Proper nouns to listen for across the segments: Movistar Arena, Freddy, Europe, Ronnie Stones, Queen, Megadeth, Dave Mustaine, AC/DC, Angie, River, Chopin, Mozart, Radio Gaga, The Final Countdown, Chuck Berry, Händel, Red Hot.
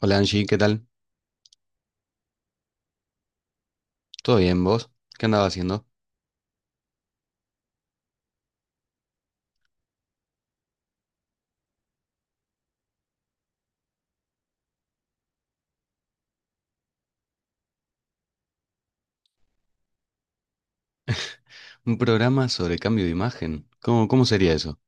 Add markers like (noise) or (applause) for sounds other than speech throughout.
Hola Angie, ¿qué tal? ¿Todo bien vos? ¿Qué andaba haciendo? Un programa sobre cambio de imagen. ¿Cómo sería eso?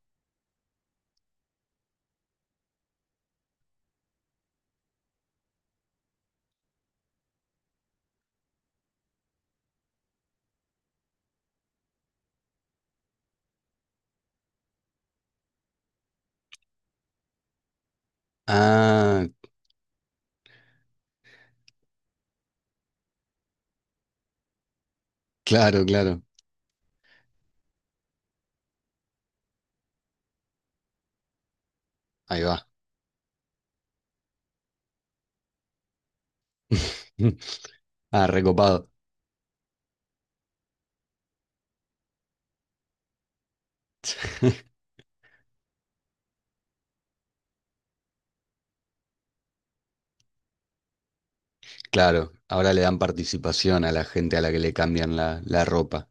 Ah, claro, claro. Ahí va. (laughs) Ah, recopado. (laughs) Claro, ahora le dan participación a la gente a la que le cambian la ropa.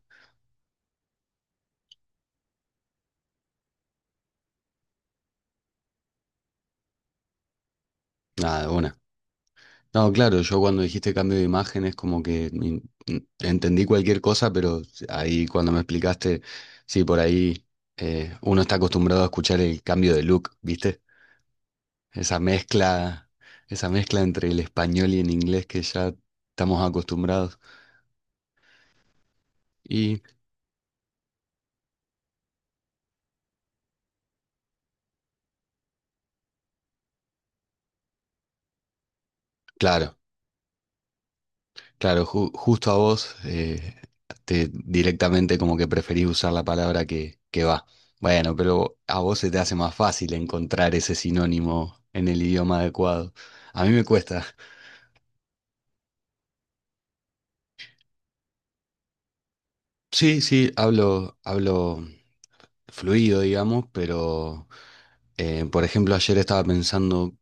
Nada, una. No, claro, yo cuando dijiste cambio de imagen es como que entendí cualquier cosa, pero ahí cuando me explicaste, sí, por ahí uno está acostumbrado a escuchar el cambio de look, ¿viste? Esa mezcla, esa mezcla entre el español y el inglés que ya estamos acostumbrados. Y claro, claro, justo a vos directamente como que preferís usar la palabra que va. Bueno, pero a vos se te hace más fácil encontrar ese sinónimo en el idioma adecuado. A mí me cuesta. Sí, sí, hablo fluido, digamos, pero por ejemplo ayer estaba pensando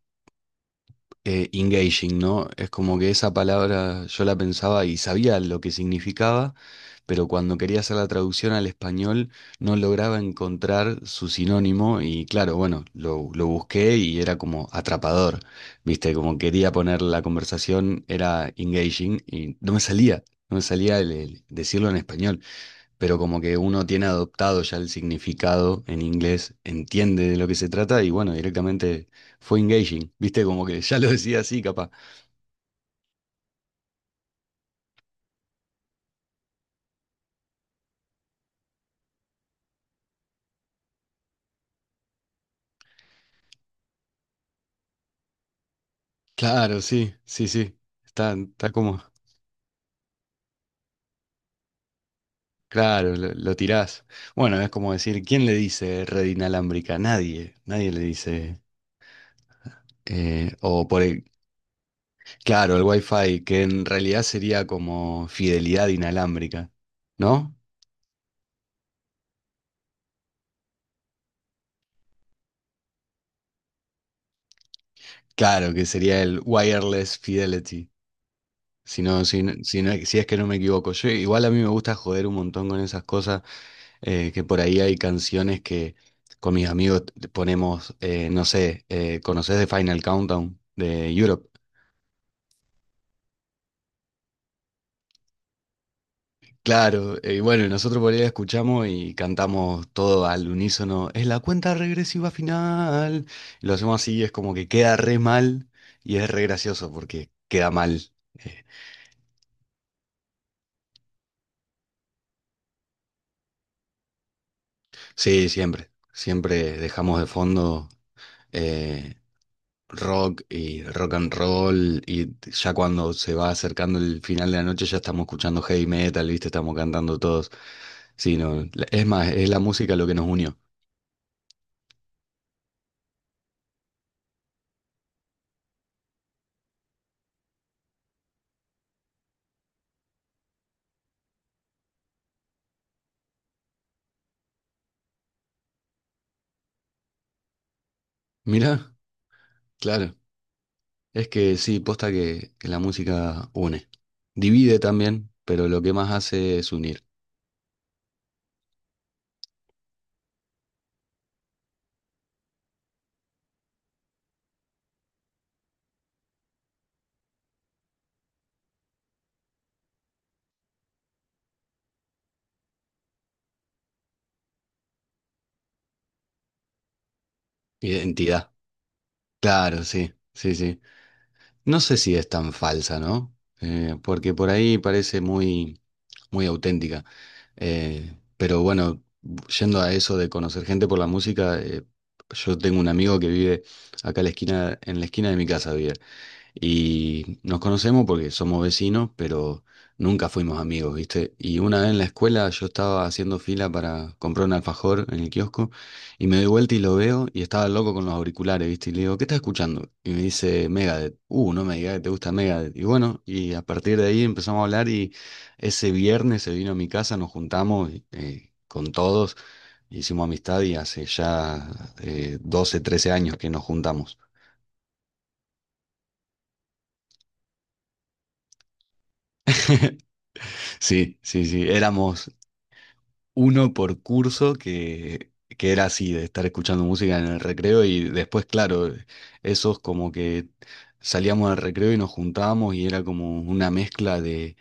engaging, ¿no? Es como que esa palabra yo la pensaba y sabía lo que significaba, pero cuando quería hacer la traducción al español no lograba encontrar su sinónimo y claro, bueno, lo busqué y era como atrapador, ¿viste? Como quería poner la conversación, era engaging y no me salía el decirlo en español, pero como que uno tiene adoptado ya el significado en inglés, entiende de lo que se trata y bueno, directamente fue engaging, ¿viste? Como que ya lo decía así, capaz. Claro, sí, sí, sí, está como, claro, lo tirás. Bueno, es como decir, ¿quién le dice red inalámbrica? Nadie le dice. Eh, o por el, claro, el Wi-Fi, que en realidad sería como fidelidad inalámbrica, ¿no? Claro, que sería el wireless fidelity. Si no, si es que no me equivoco. Yo, igual a mí me gusta joder un montón con esas cosas, que por ahí hay canciones que con mis amigos ponemos, no sé, ¿conocés The Final Countdown de Europe? Claro, y bueno, nosotros por ahí la escuchamos y cantamos todo al unísono, es la cuenta regresiva final. Y lo hacemos así, es como que queda re mal y es re gracioso porque queda mal. Eh, sí, siempre, siempre dejamos de fondo. eh, rock y rock and roll y ya cuando se va acercando el final de la noche ya estamos escuchando heavy metal, ¿viste? Estamos cantando todos. Sí, no, es más, es la música lo que nos unió. Mirá, claro, es que sí, posta que la música une. Divide también, pero lo que más hace es unir. Identidad. Claro, sí, sí, sí. No sé si es tan falsa, ¿no? Porque por ahí parece muy, muy auténtica. Pero bueno, yendo a eso de conocer gente por la música, yo tengo un amigo que vive acá a la esquina, en la esquina de mi casa vive. Y nos conocemos porque somos vecinos, pero nunca fuimos amigos, ¿viste? Y una vez en la escuela yo estaba haciendo fila para comprar un alfajor en el kiosco y me doy vuelta y lo veo y estaba loco con los auriculares, ¿viste? Y le digo, ¿qué estás escuchando? Y me dice Megadeth. No me digas que te gusta Megadeth. Y bueno, y a partir de ahí empezamos a hablar y ese viernes se vino a mi casa, nos juntamos con todos, hicimos amistad y hace ya 12, 13 años que nos juntamos. (laughs) Sí, sí, sí, éramos uno por curso que era así, de estar escuchando música en el recreo y después, claro, esos como que salíamos al recreo y nos juntábamos y era como una mezcla de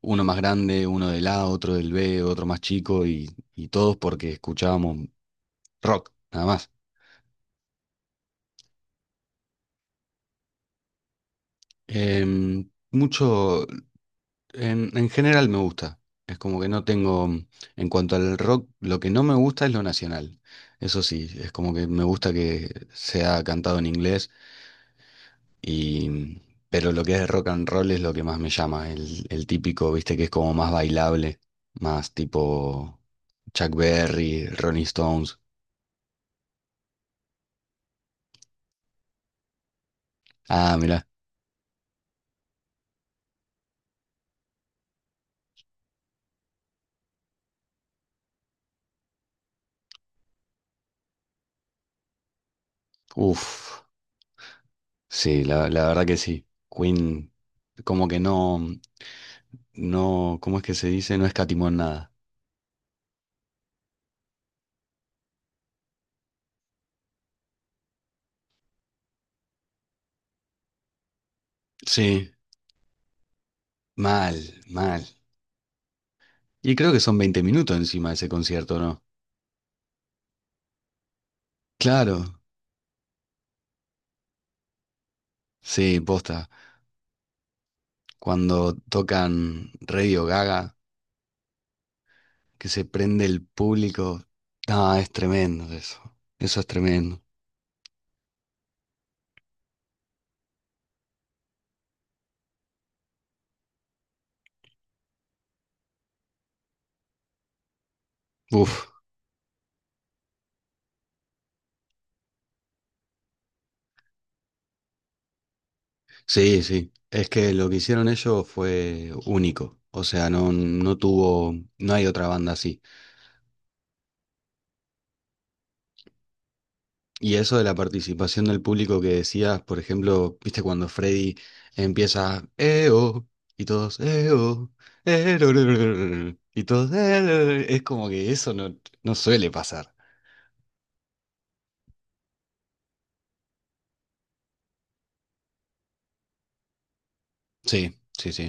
uno más grande, uno del A, otro del B, otro más chico y todos porque escuchábamos rock, nada más. Em, mucho. En general me gusta. Es como que no tengo, en cuanto al rock, lo que no me gusta es lo nacional. Eso sí, es como que me gusta que sea cantado en inglés y, pero lo que es rock and roll es lo que más me llama. El típico, viste, que es como más bailable, más tipo Chuck Berry, Ronnie Stones. Ah, mirá. Uf. Sí, la verdad que sí. Queen, como que no, no, ¿cómo es que se dice? No escatimó en nada. Sí, mal, mal. Y creo que son 20 minutos encima de ese concierto, ¿no? Claro, sí, posta. Cuando tocan Radio Gaga, que se prende el público. Ah, es tremendo eso. Eso es tremendo. Uf, sí, sí. Es que lo que hicieron ellos fue único. O sea, no, no tuvo, no hay otra banda así. Y eso de la participación del público que decías, por ejemplo, viste cuando Freddy empieza "Eo", y todos "Eo", "Erorororor", y todos "Erororor", es como que eso no suele pasar. Sí, sí, sí.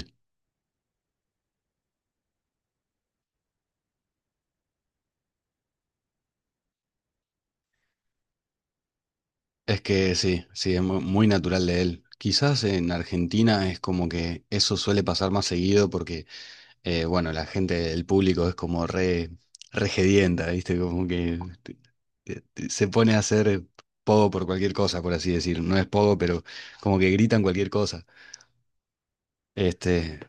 Es que sí, sí, es muy natural de él. Quizás en Argentina es como que eso suele pasar más seguido porque, bueno, la gente, el público es como re ¿viste? Como que eh, se pone a hacer pogo por cualquier cosa, por así decir. No es pogo, pero como que gritan cualquier cosa. Este,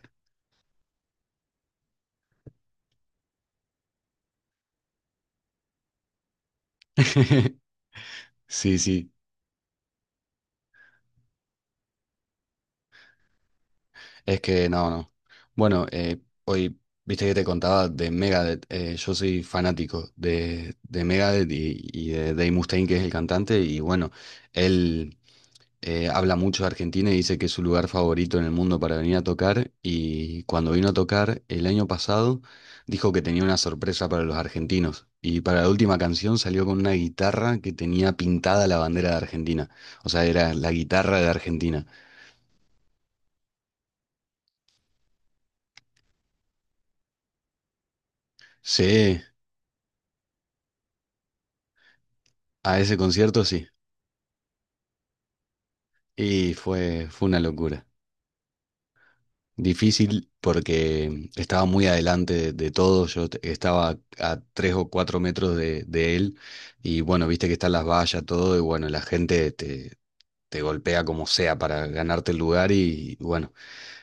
(laughs) sí, sí, es que no, no. Bueno, hoy, viste que te contaba de Megadeth. Yo soy fanático de Megadeth y de Dave Mustaine, que es el cantante, y bueno, él habla mucho de Argentina y dice que es su lugar favorito en el mundo para venir a tocar. Y cuando vino a tocar el año pasado, dijo que tenía una sorpresa para los argentinos. Y para la última canción salió con una guitarra que tenía pintada la bandera de Argentina. O sea, era la guitarra de Argentina. Sí, a ese concierto sí. Y fue una locura. Difícil porque estaba muy adelante de todo, yo estaba a 3 o 4 metros de él y bueno, viste que están las vallas, todo y bueno, la gente te golpea como sea para ganarte el lugar y bueno,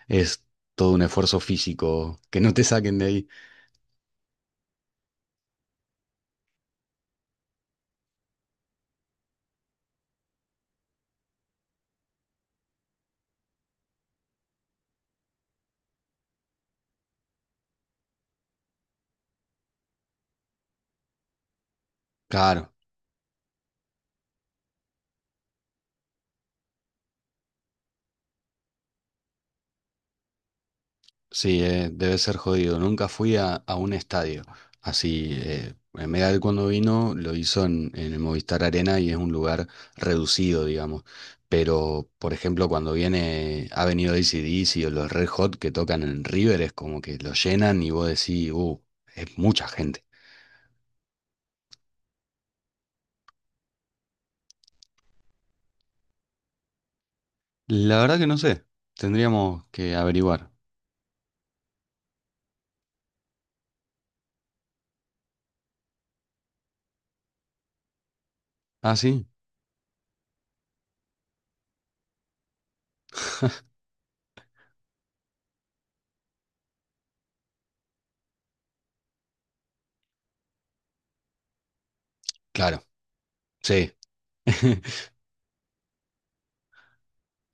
es todo un esfuerzo físico que no te saquen de ahí. Claro. Sí, debe ser jodido. Nunca fui a un estadio. Así, en Medal cuando vino lo hizo en el Movistar Arena y es un lugar reducido, digamos. Pero, por ejemplo, cuando viene, ha venido AC/DC o los Red Hot que tocan en River, es como que lo llenan y vos decís, es mucha gente. La verdad que no sé. Tendríamos que averiguar. Ah, sí. (laughs) Claro, sí. (laughs)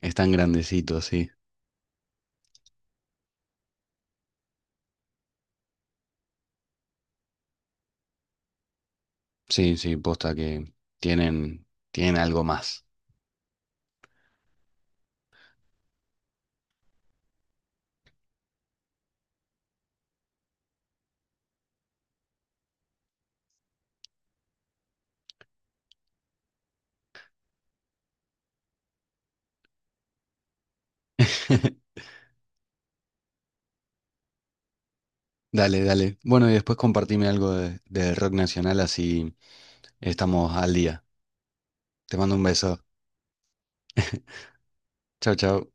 Es tan grandecito, sí. Sí, sí, posta que tienen, tienen algo más. (laughs) Dale, dale. Bueno, y después compartime algo del rock nacional, así estamos al día. Te mando un beso. Chao, chao.